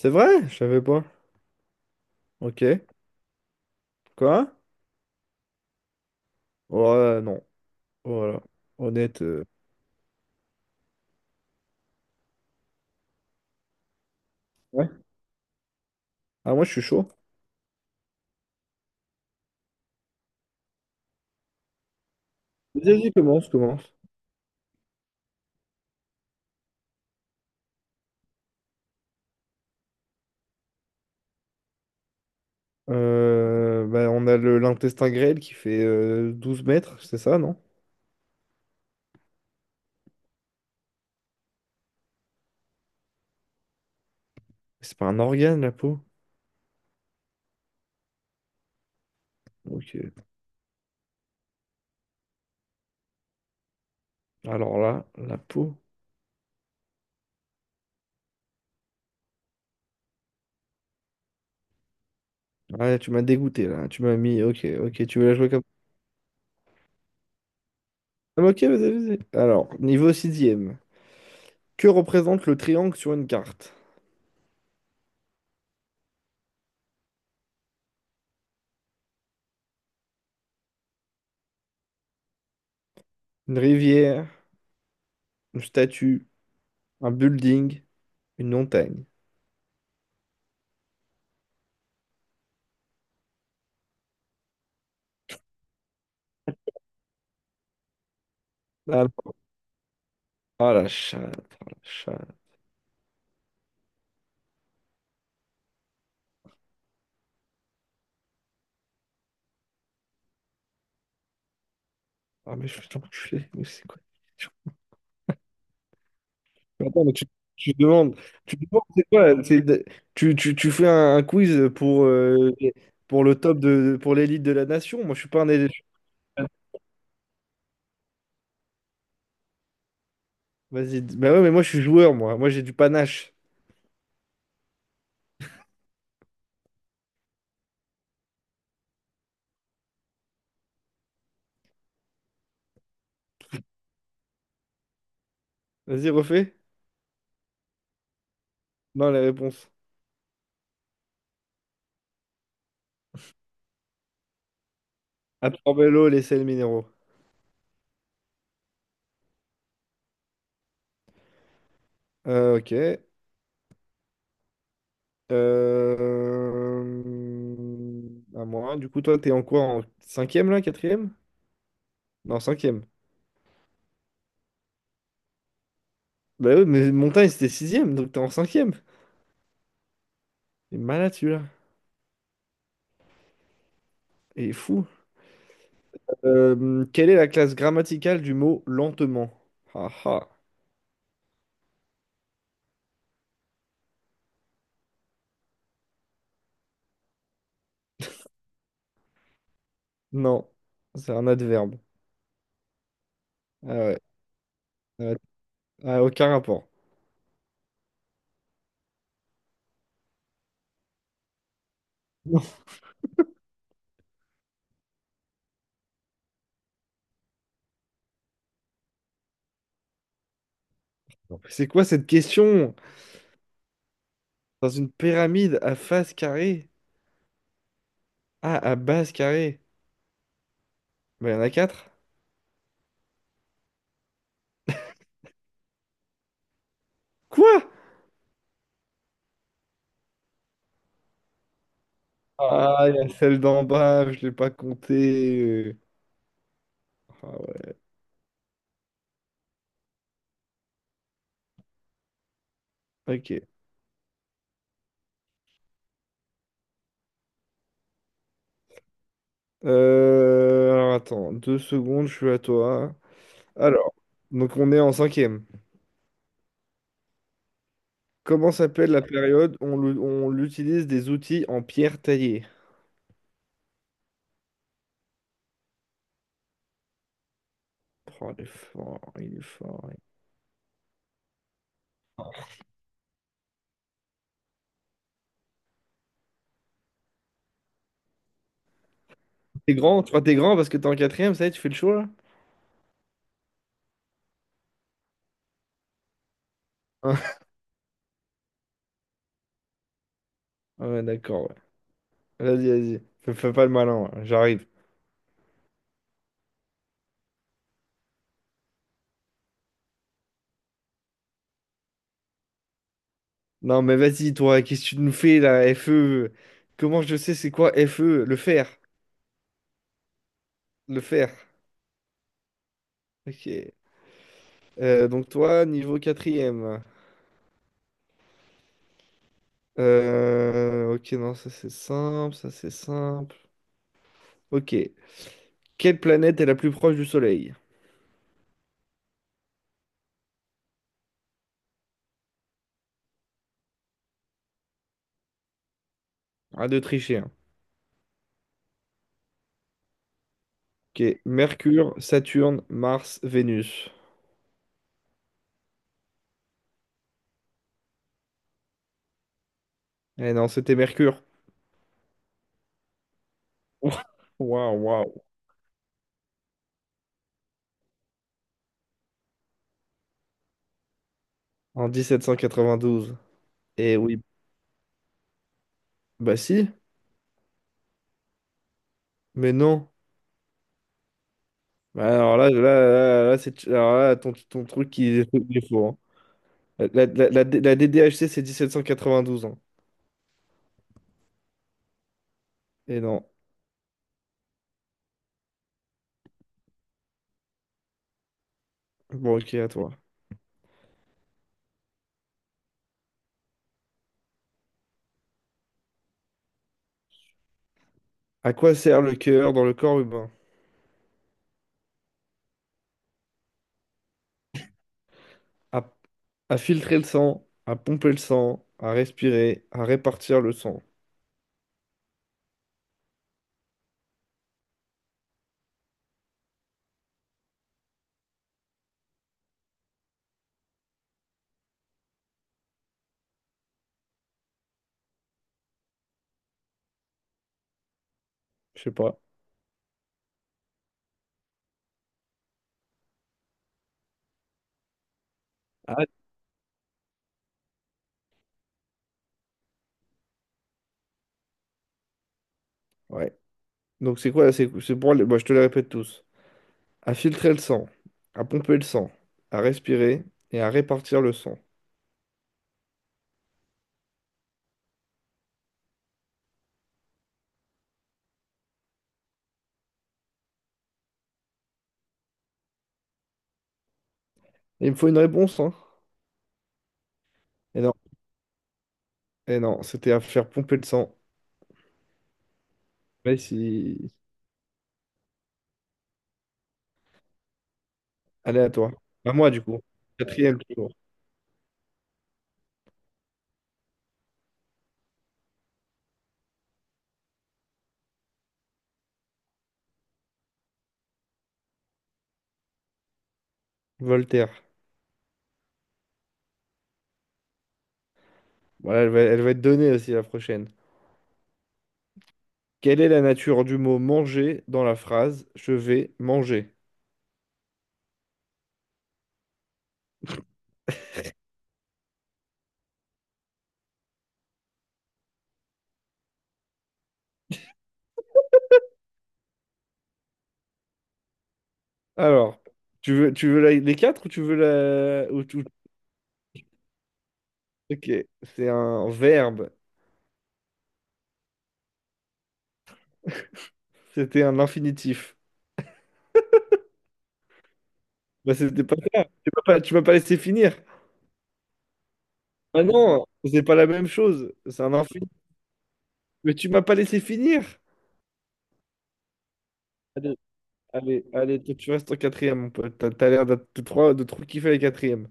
C'est vrai? Je savais pas. Ok. Quoi? Ouais, non. Voilà. Honnête. Ouais. Ah, moi, je suis chaud. Vas-y, commence. Bah, on a le l'intestin grêle qui fait 12 mètres, c'est ça, non? C'est pas un organe, la peau? Ok. Alors là, la peau. Ouais, tu m'as dégoûté, là. Tu m'as mis... Ok, ok, tu veux la jouer comme... Ah, mais ok, vas-y. Alors, niveau sixième. Que représente le triangle sur une carte? Une rivière, une statue, un building, une montagne. Ah la chatte, ah la chatte. Ah mais je vais t'enculer, mais c'est quoi? Je- Attends, mais tu, tu demandes, tu demandes, c'est quoi? Tu fais un quiz pour le top de, pour l'élite de la nation. Moi, je suis pas un élite. Vas-y, bah ouais, mais moi, je suis joueur, moi. Moi, j'ai du panache. Vas-y, refais. Non, les réponses. Absorber l'eau, les sels minéraux. Ok. Euh... À moi. Du coup, toi, t'es en quoi? En cinquième, là? Quatrième? Non, cinquième. Bah oui, mais Montagne, c'était sixième, donc t'es en cinquième. T'es malade, celui-là. Et fou. Quelle est la classe grammaticale du mot lentement? Ah ah. Non, c'est un adverbe. Ah ouais. Ah, ah, aucun rapport. Non. C'est quoi cette question? Dans une pyramide à face carrée? Ah, à base carrée. Bah, il y en a quatre. Quoi? Ah, il y a celle d'en bas, je l'ai pas comptée. Ah ouais, ok. Alors attends, deux secondes, je suis à toi. Alors, donc on est en cinquième. Comment s'appelle la période où on l'utilise des outils en pierre taillée? Oh, il est fort, il est fort. T'es grand, tu vois, t'es grand parce que t'es en quatrième, ça y est, tu fais le show là? Hein. Ah ouais, d'accord, ouais. Vas-y. Fais pas le malin, hein, j'arrive. Non, mais vas-y, toi, qu'est-ce que tu nous fais là, FE? Comment je sais c'est quoi FE? Le fer. Le fer. Ok. Donc toi, niveau quatrième. Ok, non, ça c'est simple. Ok. Quelle planète est la plus proche du Soleil? À de tricher, hein. Ok. Mercure, Saturne, Mars, Vénus. Eh non, c'était Mercure. Ouah, waouh, waouh. En mille sept cent quatre-vingt douze. Eh oui. Bah si, mais non. Bah alors là, c'est... alors là, ton truc, il est faux, hein. La DDHC, c'est mille sept cent quatre-vingt douze. Hein. Et non. Bon, ok, à toi. À quoi sert le cœur dans le corps humain? À, à filtrer le sang, à pomper le sang, à respirer, à répartir le sang. Je sais pas. Ah, ouais. Ouais. Donc c'est quoi? C'est pour les... bah, je te les répète tous. À filtrer le sang, à pomper le sang, à respirer et à répartir le sang. Il me faut une réponse, hein? Et non, et non, c'était à faire pomper le sang. Mais si... Allez à toi. À moi du coup. Quatrième tour. Voltaire. Voilà, elle va être donnée aussi la prochaine. Quelle est la nature du mot manger dans la phrase je vais manger? Alors, tu veux les quatre ou tu veux la... ou Ok, c'est un verbe. C'était un infinitif. Bah, c'était pas ça. Tu m'as pas laissé finir. Ah non, c'est pas la même chose. C'est un infinitif. Mais tu m'as pas laissé finir. Allez, allez, toi, tu restes en quatrième, mon pote. T'as l'air de, trop, de trop kiffer les quatrièmes.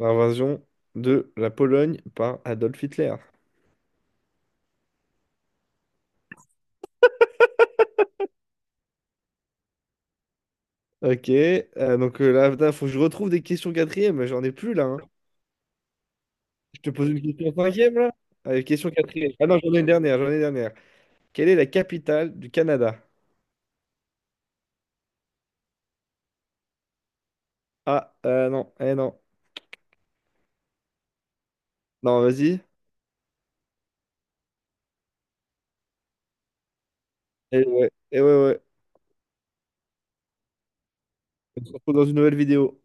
L'invasion de la Pologne par Adolf Hitler. Ok, donc là, il faut que je retrouve des questions quatrième. J'en ai plus là, hein. Je te pose une question cinquième, là? Allez, question quatrième. Ah non, j'en ai une dernière. Quelle est la capitale du Canada? Ah, non, eh non. Non, vas-y. Ouais, eh ouais, ouais. On se retrouve dans une nouvelle vidéo.